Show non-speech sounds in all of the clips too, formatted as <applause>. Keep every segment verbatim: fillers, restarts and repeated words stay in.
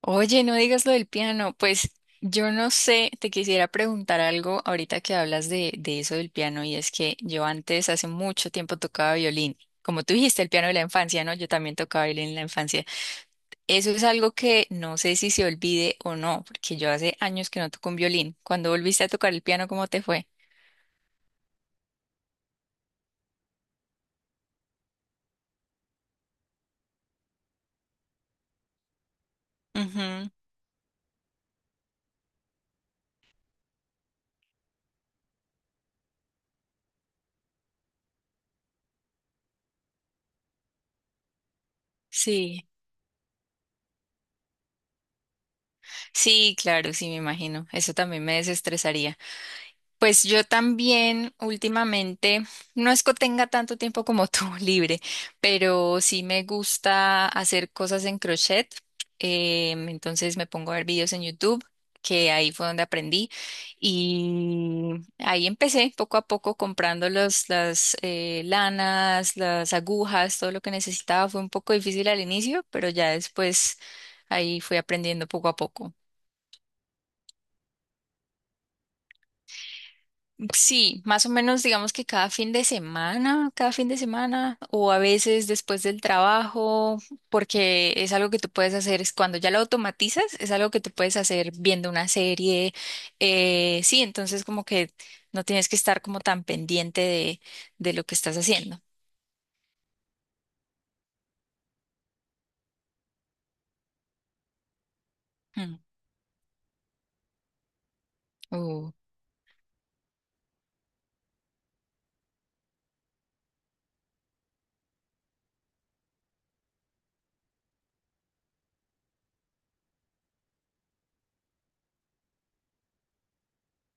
Oye, no digas lo del piano. Pues yo no sé, te quisiera preguntar algo ahorita que hablas de, de eso del piano, y es que yo antes, hace mucho tiempo, tocaba violín. Como tú dijiste, el piano de la infancia, ¿no? Yo también tocaba violín en la infancia. Eso es algo que no sé si se olvide o no, porque yo hace años que no toco un violín. Cuando volviste a tocar el piano, ¿cómo te fue? Ujú. Sí, sí, claro, sí, me imagino. Eso también me desestresaría. Pues yo también últimamente, no es que tenga tanto tiempo como tú <laughs> libre, pero sí me gusta hacer cosas en crochet. Em, entonces me pongo a ver videos en YouTube, que ahí fue donde aprendí. Y ahí empecé poco a poco comprando los, las eh, lanas, las agujas, todo lo que necesitaba. Fue un poco difícil al inicio, pero ya después ahí fui aprendiendo poco a poco. Sí, más o menos digamos que cada fin de semana, cada fin de semana, o a veces después del trabajo, porque es algo que tú puedes hacer, es cuando ya lo automatizas, es algo que tú puedes hacer viendo una serie, eh, sí, entonces como que no tienes que estar como tan pendiente de, de lo que estás haciendo. Mm, uh,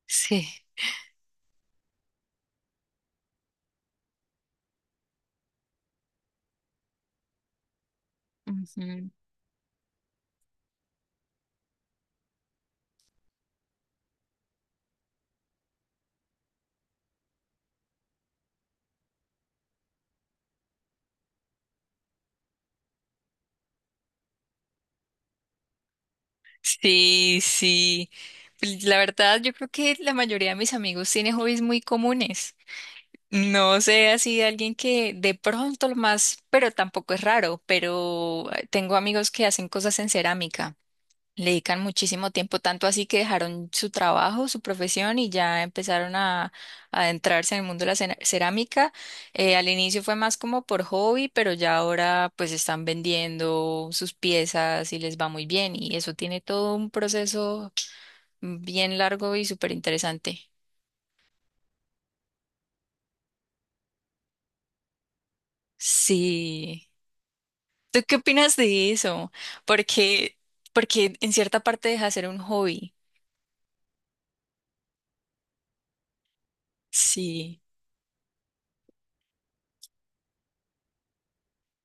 sí. Ujú. Sí, sí. Pues, la verdad, yo creo que la mayoría de mis amigos tiene hobbies muy comunes. No sé, así de alguien que de pronto lo más, pero tampoco es raro, pero eh, tengo amigos que hacen cosas en cerámica, le dedican muchísimo tiempo, tanto así que dejaron su trabajo, su profesión y ya empezaron a, a adentrarse en el mundo de la cera- cerámica. Eh, al inicio fue más como por hobby, pero ya ahora pues están vendiendo sus piezas y les va muy bien, y eso tiene todo un proceso bien largo y súper interesante. Sí. ¿Tú qué opinas de eso? Porque, Porque en cierta parte deja de ser un hobby. Sí,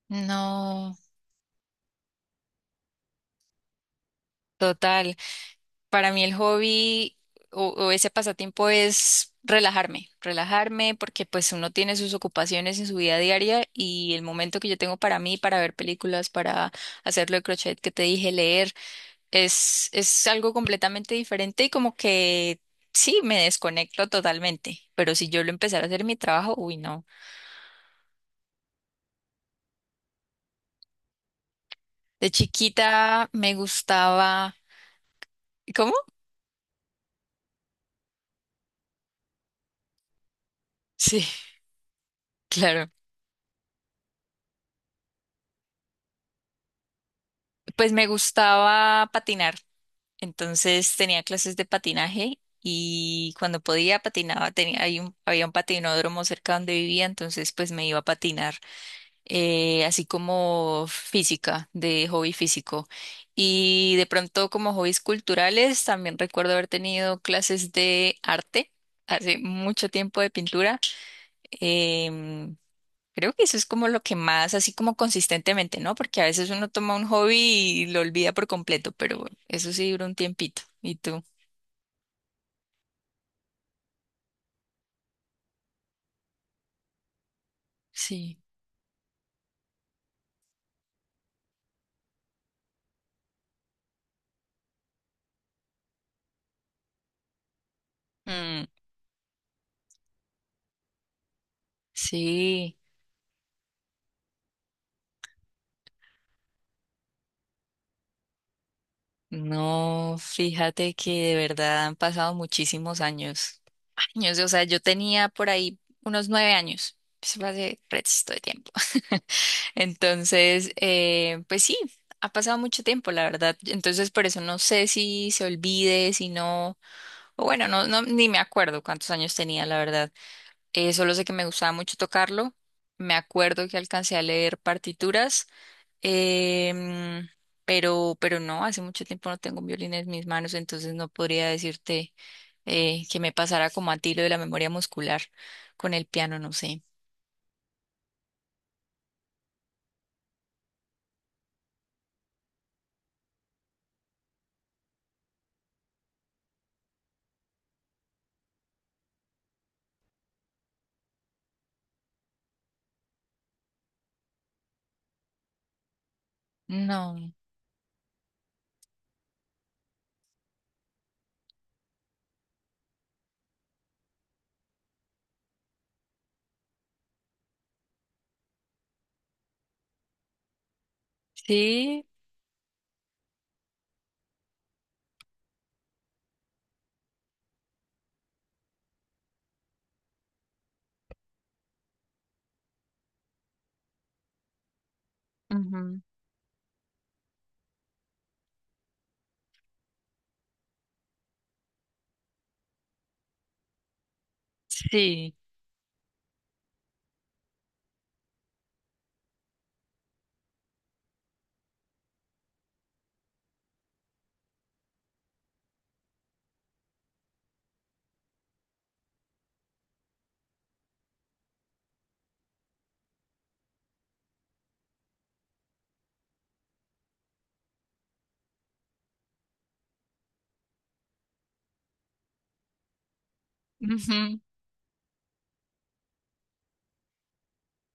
no, total. Para mí el hobby o, o ese pasatiempo es relajarme, relajarme, porque pues uno tiene sus ocupaciones en su vida diaria, y el momento que yo tengo para mí, para ver películas, para hacerlo de crochet que te dije, leer, es, es algo completamente diferente, y como que sí, me desconecto totalmente. Pero si yo lo empezara a hacer mi trabajo, uy, no. De chiquita me gustaba... ¿Cómo? Sí, <laughs> claro. Pues me gustaba patinar. Entonces tenía clases de patinaje, y cuando podía patinaba. Tenía, hay un- había un patinódromo cerca donde vivía, entonces pues me iba a patinar. Eh, así como física, de hobby físico. Y de pronto como hobbies culturales, también recuerdo haber tenido clases de arte. Hace mucho tiempo de pintura. Em, Creo que eso es como lo que más, así como consistentemente, ¿no? Porque a veces uno toma un hobby y lo olvida por completo, pero eso sí dura un tiempito. ¿Y tú? Sí. Mm, sí. No, fíjate que de verdad han pasado muchísimos años. Años, o sea, yo tenía por ahí unos nueve años. Eso fue hace resto de tiempo. <laughs> Entonces, eh, pues sí, ha pasado mucho tiempo, la verdad. Entonces, por eso no sé si se olvide, si no. O bueno, no, no, ni me acuerdo cuántos años tenía, la verdad. Eh, solo sé que me gustaba mucho tocarlo. Me acuerdo que alcancé a leer partituras, em, pero, pero no, hace mucho tiempo no tengo un violín en mis manos, entonces no podría decirte eh, que me pasara como a ti lo de la memoria muscular con el piano, no sé. No, sí, ujú. Sí. Ujú.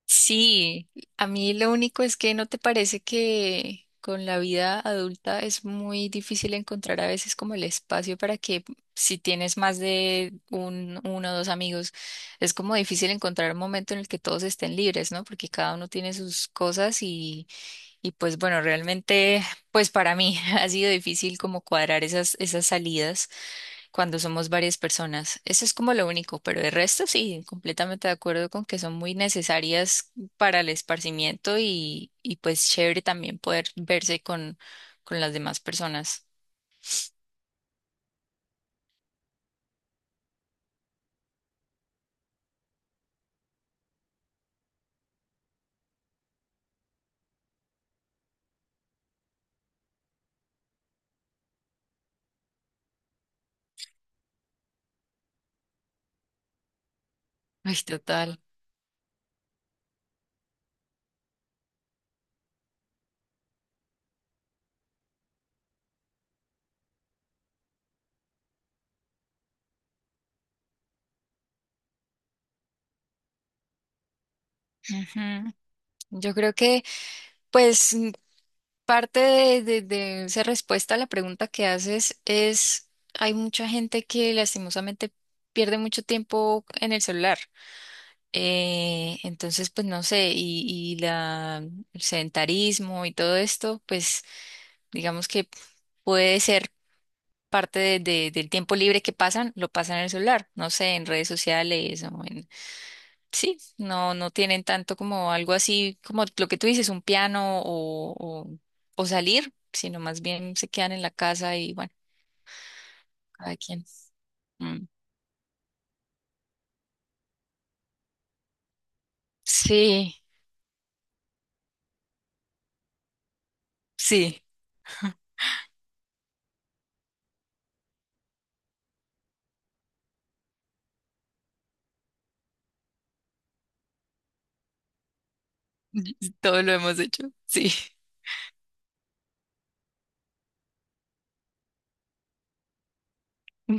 Sí, a mí lo único es que no te parece que con la vida adulta es muy difícil encontrar a veces como el espacio para que si tienes más de un, uno o dos amigos, es como difícil encontrar un momento en el que todos estén libres, ¿no? Porque cada uno tiene sus cosas, y, y pues bueno, realmente, pues para mí <laughs> ha sido difícil como cuadrar esas, esas salidas cuando somos varias personas. Eso es como lo único, pero el resto sí, completamente de acuerdo con que son muy necesarias para el esparcimiento, y, y pues chévere también poder verse con, con las demás personas. Ay, total. Ujú. Yo creo que pues mm, parte de, de, de esa respuesta a la pregunta que haces es, hay mucha gente que lastimosamente pierde mucho tiempo en el celular. Eh, entonces, pues no sé, y, y la, el sedentarismo y todo esto, pues digamos que puede ser parte de- de- del tiempo libre que pasan, lo pasan en el celular, no sé, en redes sociales o en... Sí, no, no tienen tanto como algo así, como lo que tú dices, un piano o, o, o salir, sino más bien se quedan en la casa y bueno, cada quien. Mm. Sí, sí, <laughs> todo lo hemos hecho, sí. <laughs>